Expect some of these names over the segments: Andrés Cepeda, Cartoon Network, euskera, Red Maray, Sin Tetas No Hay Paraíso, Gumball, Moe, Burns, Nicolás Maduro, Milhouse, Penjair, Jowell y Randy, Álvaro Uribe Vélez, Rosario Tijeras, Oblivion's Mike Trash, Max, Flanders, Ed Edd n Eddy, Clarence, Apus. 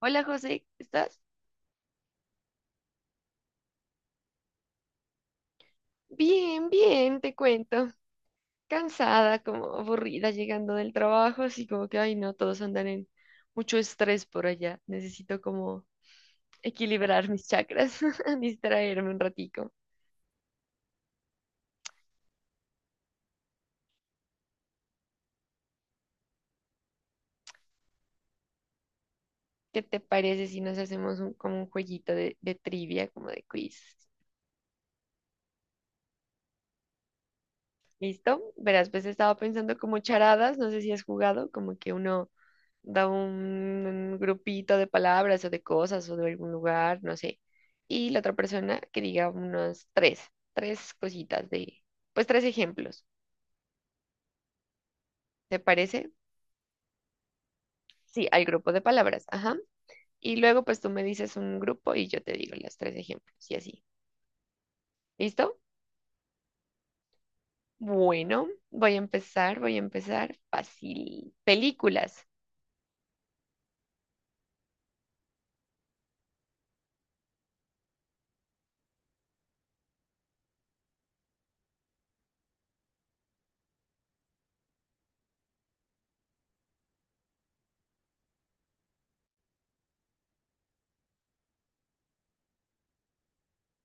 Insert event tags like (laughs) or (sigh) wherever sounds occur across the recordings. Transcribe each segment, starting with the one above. Hola José, ¿estás? Bien, bien, te cuento. Cansada, como aburrida llegando del trabajo, así como que, ay no, todos andan en mucho estrés por allá. Necesito como equilibrar mis chakras, (laughs) distraerme un ratico. ¿Qué te parece si nos hacemos un como un jueguito de trivia, como de quiz? ¿Listo? Verás, pues he estado pensando como charadas, no sé si has jugado, como que uno da un grupito de palabras o de cosas o de algún lugar, no sé. Y la otra persona que diga unos tres cositas de, pues tres ejemplos, ¿te parece? Sí, al grupo de palabras, ajá. Y luego pues tú me dices un grupo y yo te digo los tres ejemplos y así. ¿Listo? Bueno, voy a empezar fácil. Películas.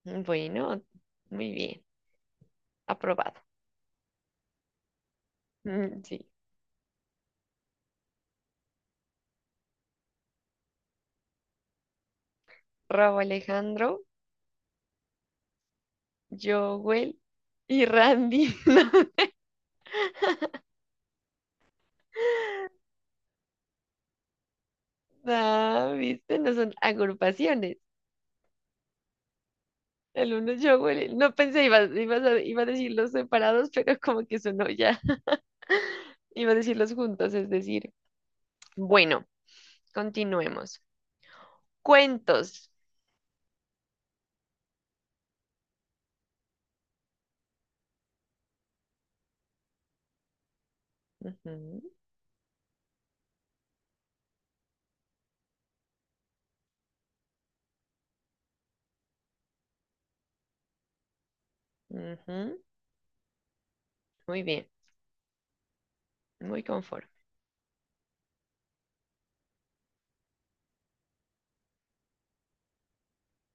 Bueno, muy bien, aprobado. Mm, sí, Raúl Alejandro, Jowell y Randy. (laughs) No, no, ¿viste? No son agrupaciones. El uno es Jowell. No pensé, iba a decirlos separados, pero como que sonó ya. (laughs) Iba a decirlos juntos, es decir. Bueno, continuemos. Cuentos. Ujú, ujú. Muy bien, muy confort.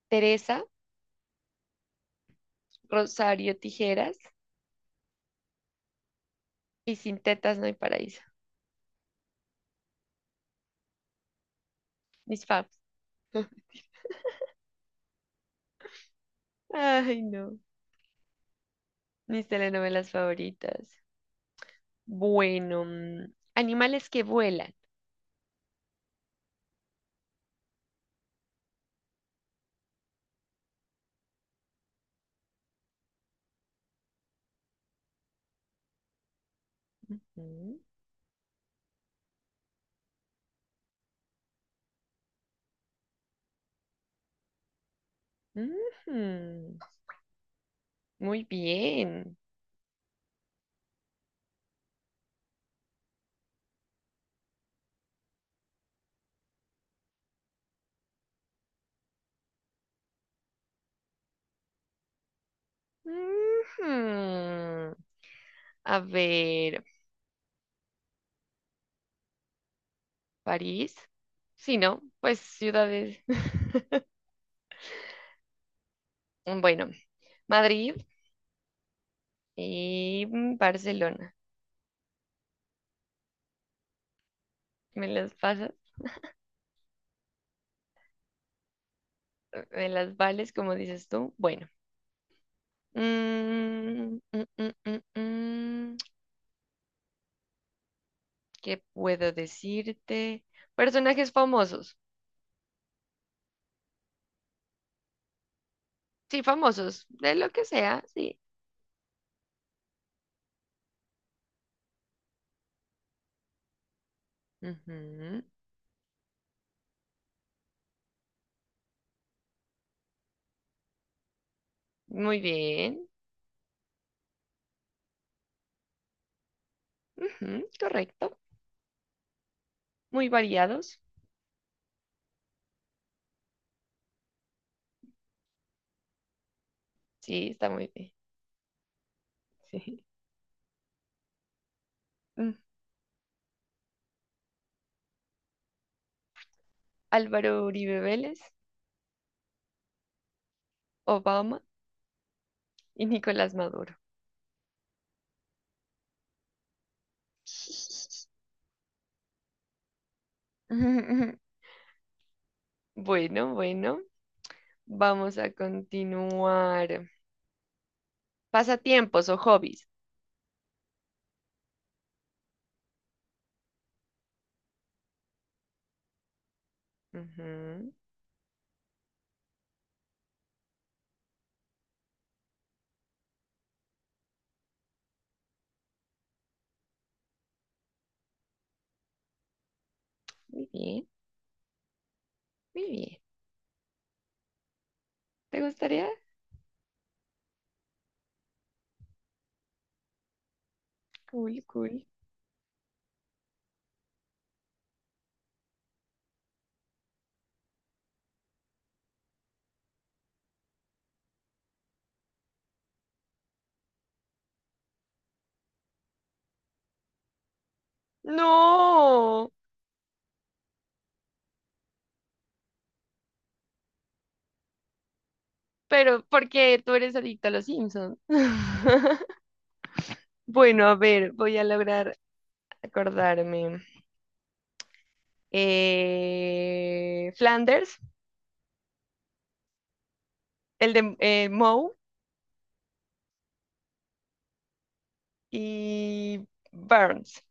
Teresa, Rosario Tijeras y Sin Tetas No Hay Paraíso. Mis faves. (laughs) Ay, no. Mis telenovelas favoritas. Bueno, animales que vuelan. Mm, ujú, muy bien. Ujú. A ver, París. Sí, ¿no? Pues ciudades. (laughs) Bueno, Madrid y Barcelona. ¿Me las pasas? ¿Me las vales, como dices tú? Bueno. Mm, mm. ¿Qué puedo decirte? Personajes famosos. Sí, famosos, de lo que sea, sí. Ujú. Muy bien. Ujú, correcto. Muy variados. Sí, está muy bien. (laughs) Sí. Mm, Álvaro Uribe Vélez, Obama y Nicolás Maduro. (laughs) Bueno, bueno, vamos a continuar. Pasatiempos o hobbies. Ujú. Muy bien, muy bien. ¿Te gustaría? Cool, cool. No, pero porque tú eres adicto a los Simpsons. (laughs) Bueno, a ver, voy a lograr acordarme. Flanders, el de Moe y Burns.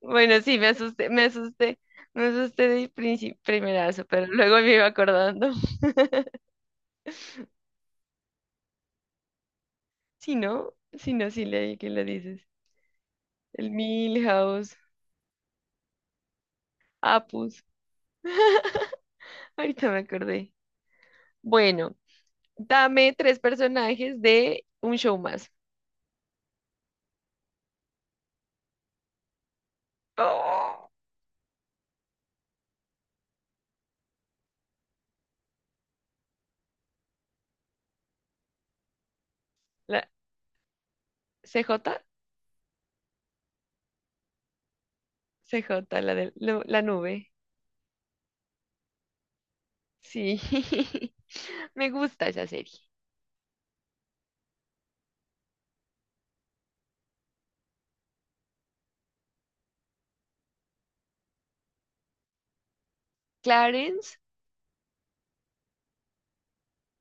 Bueno, sí, me asusté de primerazo, pero luego me iba acordando. (laughs) Si no, si no, sí leí que lo dices. El Milhouse, Apus. Ahorita me acordé. Bueno, dame tres personajes de un show más. ¡Oh! La C J, C J, la de la nube. Sí, (laughs) me gusta esa serie. Clarence,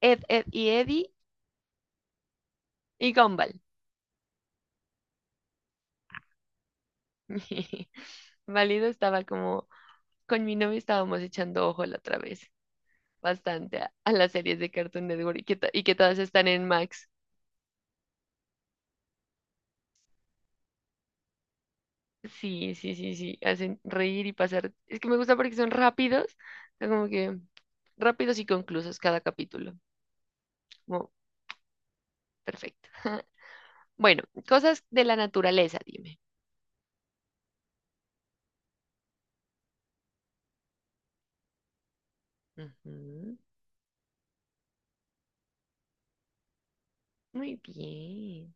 Ed, Ed y Eddie y Gumball. (laughs) Válido estaba como, con mi novio estábamos echando ojo la otra vez, bastante a las series de Cartoon Network y que todas están en Max. Sí, sí, sí, sí, hacen reír y pasar. Es que me gusta porque son rápidos, son como que rápidos y conclusos cada capítulo. Como, perfecto. (laughs) Bueno, cosas de la naturaleza, dime. Ujú, muy bien.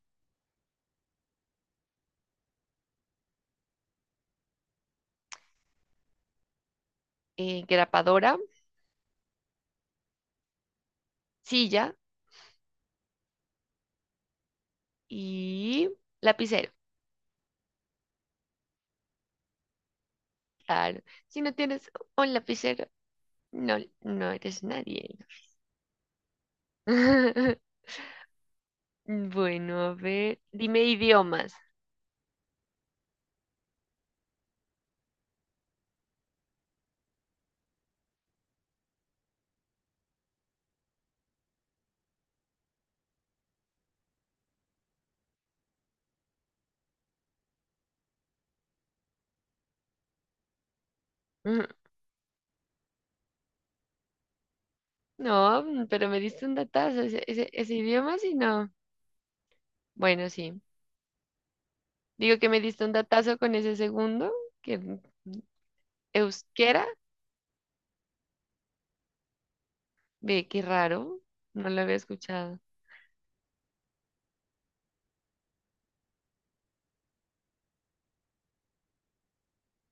Eh, grapadora, silla y lapicero. Claro, si no tienes un lapicero, no, no eres nadie. (laughs) Bueno, a ver, dime idiomas. (laughs) Mm, no, pero me diste un datazo, ese idioma sí no. Bueno, sí. Digo que me diste un datazo con ese segundo, que euskera, ve, qué raro, no lo había escuchado.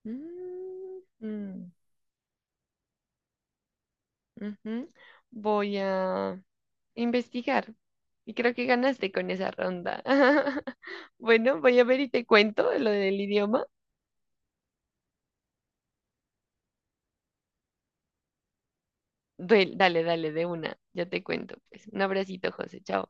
Mm, mm, ujú. Voy a... investigar. Y creo que ganaste con esa ronda. (laughs) Bueno, voy a ver y te cuento lo del idioma. Dale, dale, de una. Ya te cuento. Pues un abracito, José. Chao.